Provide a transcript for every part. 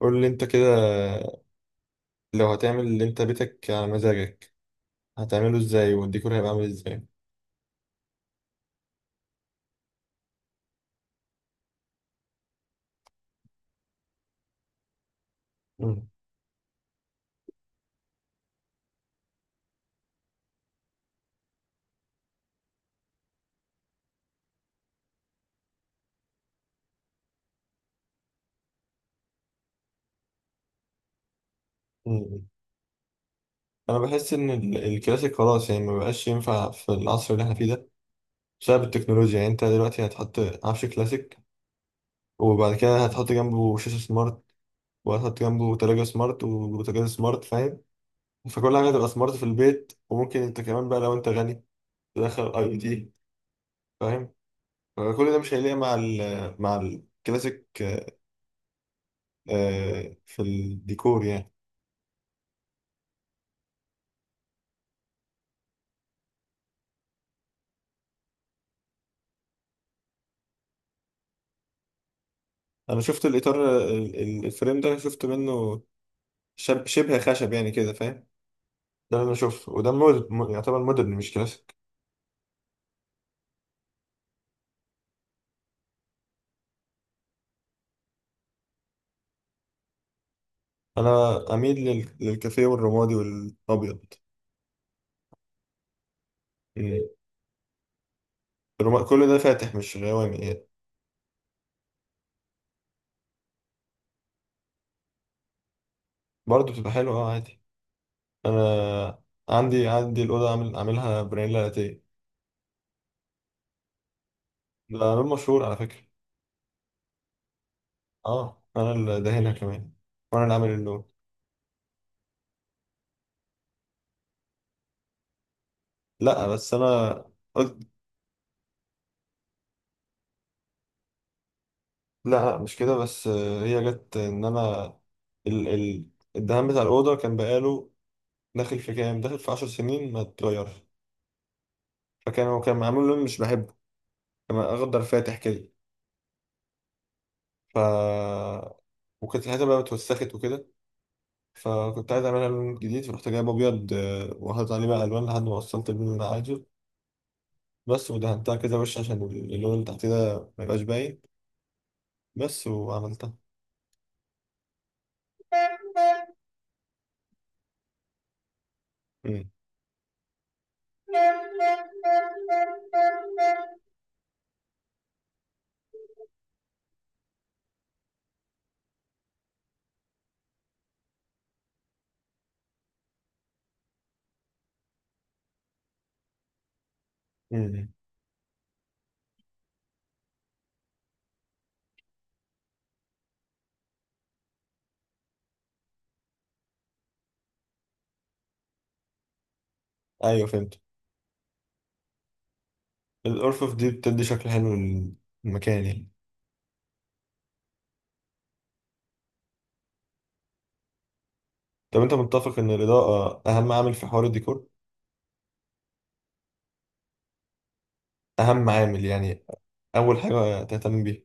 قول لي انت كده، لو هتعمل اللي انت بيتك على مزاجك هتعمله ازاي والديكور هيبقى عامل ازاي؟ مم. مم. انا بحس ان الكلاسيك خلاص، يعني ما بقاش ينفع في العصر اللي احنا فيه ده، بسبب التكنولوجيا، يعني انت دلوقتي هتحط عفش كلاسيك، وبعد كده هتحط جنبه شاشة سمارت، وهتحط جنبه تلاجة سمارت وبوتاجاز سمارت، فاهم؟ فكل حاجة تبقى سمارت في البيت، وممكن انت كمان بقى لو انت غني تدخل اي او تي، فاهم؟ فكل ده مش هيليق مع الكلاسيك، في الديكور يعني. انا شفت الاطار الفريم ده شفت منه، شبه خشب يعني كده، فاهم؟ ده اللي انا شفته، وده يعتبر مودرن مش كلاسيك. انا اميل للكافيه والرمادي والابيض. مم. كل ده فاتح مش غوامي يعني. برضه بتبقى حلوه، اه عادي. انا عندي الاوضه عاملها برانيلا لاتيه. ده لون مشهور على فكره. اه، انا اللي دهنها كمان، وانا اللي عامل اللون. لا بس انا قلت. لا، لا، مش كده بس، هي جت ان انا ال الدهان بتاع الاوضه كان بقاله داخل في 10 سنين ما اتغيرش. فكان هو كان معمول لون مش بحبه، كان اخضر فاتح كده. ف وكانت الحته بقى اتوسخت وكده، فكنت عايز اعملها لون جديد، فرحت جايب ابيض وحاطط عليه بقى الوان لحد ما وصلت اللون اللي انا عايزه، بس، ودهنتها كده وش عشان اللون اللي تحت ده ما يبقاش باين بس، وعملتها. امم، امم، ايوه، فهمت. الارفف دي بتدي شكل حلو للمكان يعني. طب انت متفق ان الاضاءه اهم عامل في حوار الديكور؟ اهم عامل يعني، اول حاجه تهتم بيها.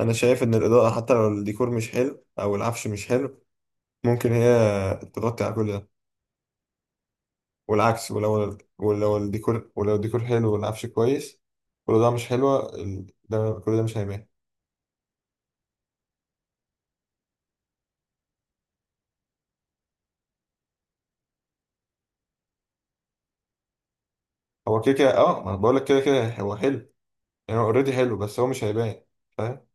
انا شايف ان الاضاءه حتى لو الديكور مش حلو او العفش مش حلو، ممكن هي تغطي على كل ده، والعكس، ولو الديكور حلو والعفش كويس والاضاءه مش حلوه، كل ده مش هيبان. هو كده كده، اه، ما انا بقول لك كده كده هو حلو، يعني هو اوريدي حلو بس هو مش هيبان، فاهم؟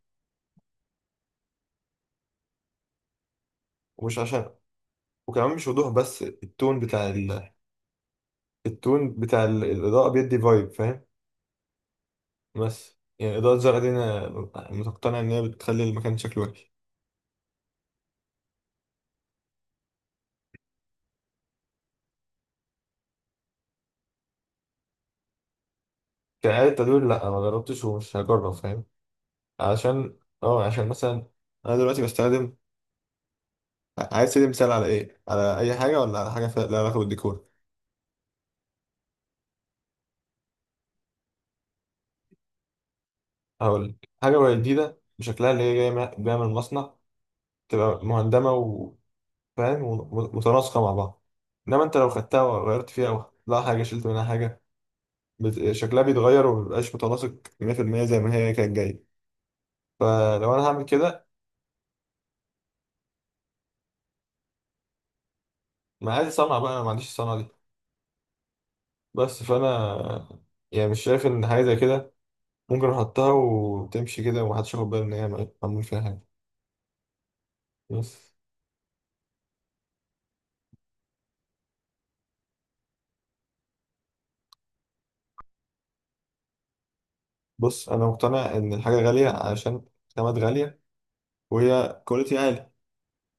ومش عشان، وكمان مش وضوح بس، التون بتاع الاضاءه بيدي فايب، فاهم؟ بس يعني إضاءة زرقاء دي أنا مقتنع إن هي بتخلي المكان شكله وحش. كإعادة تدوير، لأ ما جربتش ومش هجرب، فاهم؟ عشان، عشان مثلا أنا دلوقتي بستخدم. عايز تدي مثال على إيه؟ على أي حاجة ولا على حاجة لها علاقة بالديكور؟ هقول حاجة وهي جديدة بشكلها اللي هي جاية جاية من المصنع، تبقى مهندمة وفاهم، ومتناسقة مع بعض. إنما أنت لو خدتها وغيرت فيها أو حطيت لها حاجة، شلت منها حاجة، شكلها بيتغير ومبيبقاش متناسق 100% زي ما هي كانت جاية. فلو أنا هعمل كده، ما عادي صنعة بقى، أنا ما عنديش الصنعة دي. بس فأنا يعني مش شايف إن حاجة زي كده ممكن أحطها وتمشي كده ومحدش ياخد باله إن هي معمول فيها حاجة. بس، بص، أنا مقتنع إن الحاجة غالية عشان خامات غالية، وهي كواليتي عالي،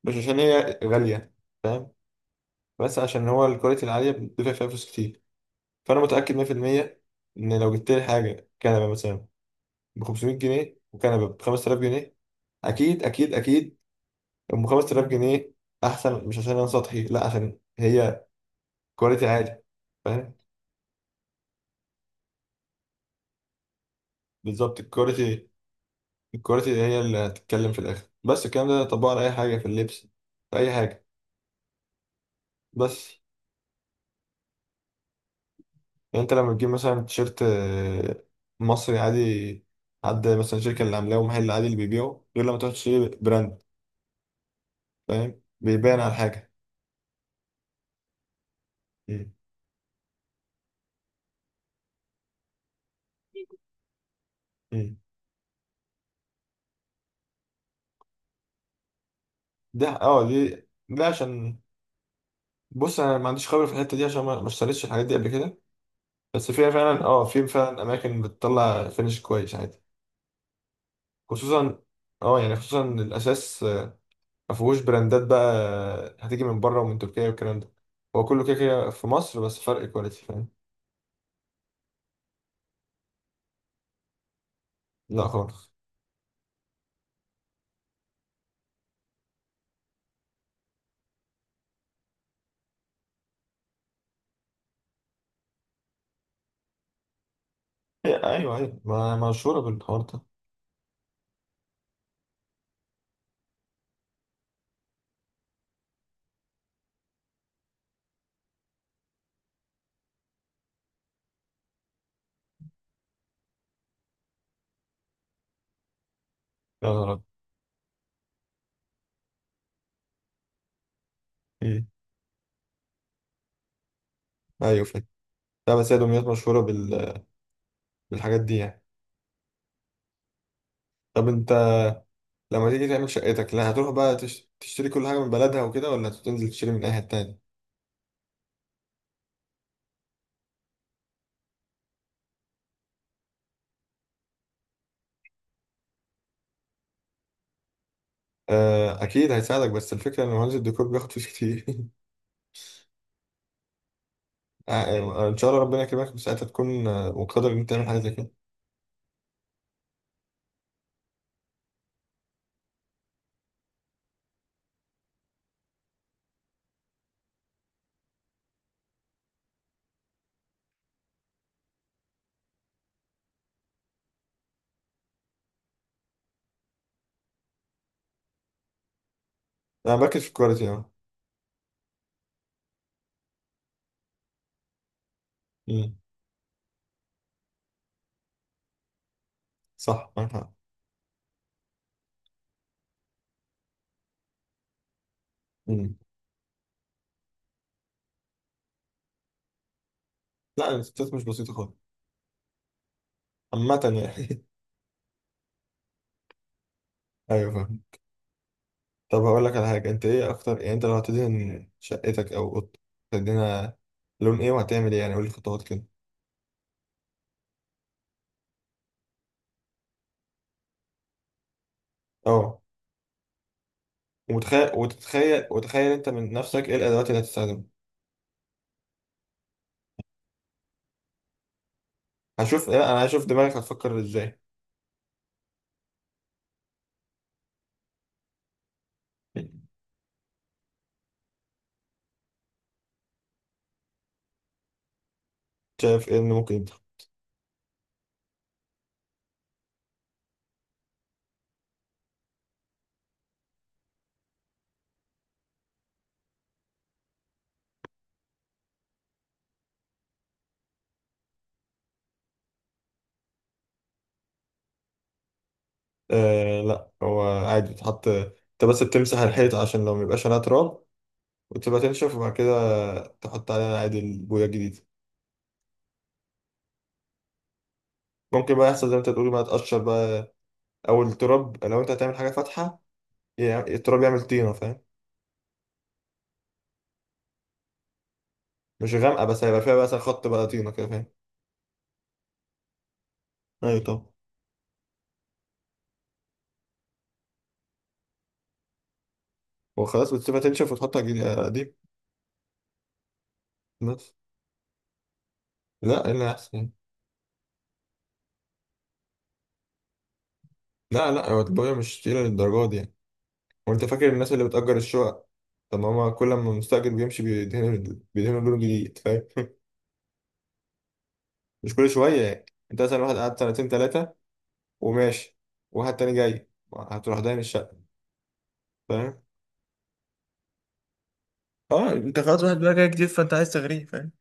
مش عشان هي غالية، فاهم؟ بس عشان هو الكواليتي العالية بتدفع فيها فلوس كتير. فأنا متأكد 100% إن لو جبت لي حاجة كنبة مثلا ب 500 جنيه وكنبة ب 5000 جنيه، أكيد أكيد أكيد، أم 5000 جنيه أحسن، مش عشان أنا سطحي، لا عشان هي كواليتي عالي، فاهم؟ بالظبط الكواليتي. الكواليتي هي اللي هتتكلم في الاخر، بس الكلام ده طبقه على اي حاجه، في اللبس، في اي حاجه. بس يعني انت لما تجيب مثلا تيشيرت مصري عادي، حد مثلا شركه اللي عاملاه ومحل عادي اللي بيبيعه، غير لما تروح تشتري براند، فاهم؟ بيبان على حاجه. مم. مم. ده، اه، دي، ده عشان، بص، انا ما عنديش خبره في الحته دي عشان ما اشتريتش الحاجات دي قبل كده. بس فيها فعلا اه في فعلا اماكن بتطلع فينش كويس عادي، خصوصا، اه يعني خصوصا إن الاساس ما فيهوش براندات بقى، هتيجي من بره ومن تركيا والكلام ده، هو كله كده كده في مصر، بس فرق كواليتي، فاهم؟ لا خالص. ايوه ايوه، ما مشهوره بالحوار ده. يا نهار أبيض. مم. ايوه، فاهم. لا بس هي دمياط مشهوره بالحاجات دي يعني. طب انت لما تيجي تعمل شقتك، لا هتروح بقى تشتري كل حاجه من بلدها وكده، ولا هتنزل تشتري من اي حته تاني؟ اكيد هيساعدك، بس الفكره ان مهندس الديكور بياخد فلوس كتير آه، ان شاء الله ربنا يكرمك بساعتها تكون مقتدر ان انت تعمل حاجه زي كده. انا بركز في الكواليتي، اه. مم. صح، معاك حق. مم. لا الاستات مش بسيطه خالص. عامه يعني. ايوه، فاهم. طب هقول لك على حاجه، انت ايه اكتر يعني، انت لو هتدهن شقتك او اوضتك، هتدهنها لون ايه وهتعمل ايه يعني؟ قول لي خطوات كده. اه، ومتخيل وتتخيل وتخيل انت من نفسك ايه الادوات اللي هتستخدمها؟ هشوف، لا انا هشوف دماغك هتفكر ازاي. شايف ايه اللي ممكن يدخل؟ آه، لا هو عادي تحط، انت بس بتمسح الحيط عشان لو ميبقاش عليها تراب، وتبقى تنشف، وبعد كده تحط عليها عادي البويه الجديدة. ممكن بقى يحصل زي ما انت تقول بقى، تقشر بقى، او التراب، لو انت هتعمل حاجه فاتحه، يعني التراب يعمل طينه، فاهم؟ مش غامقه، بس هيبقى فيها بقى مثلا خط بقى طينه كده، فاهم؟ ايوه طبعا. وخلاص، بتسيبها تنشف وتحطها جديد قديم. بس، لا، ايه اللي احسن؟ لا، لا، هو البويه مش تقيله للدرجه دي يعني. وانت فاكر الناس اللي بتأجر الشقق؟ طب ما هما كل ما المستأجر بيمشي، بيدهنوا لون جديد، فاهم؟ مش كل شويه يعني، انت مثلا واحد قعد سنتين ثلاثه، وماشي، واحد تاني جاي، هتروح داين الشقه، فاهم؟ اه، انت خلاص واحد بقى جاي جديد، فانت عايز تغريه، فاهم؟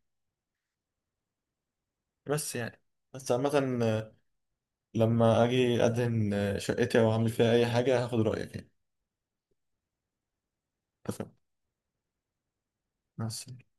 بس يعني، بس عامة، لما اجي ادهن شقتي او اعمل فيها اي حاجة هاخد رأيك يعني. اتفقنا. مع السلامة.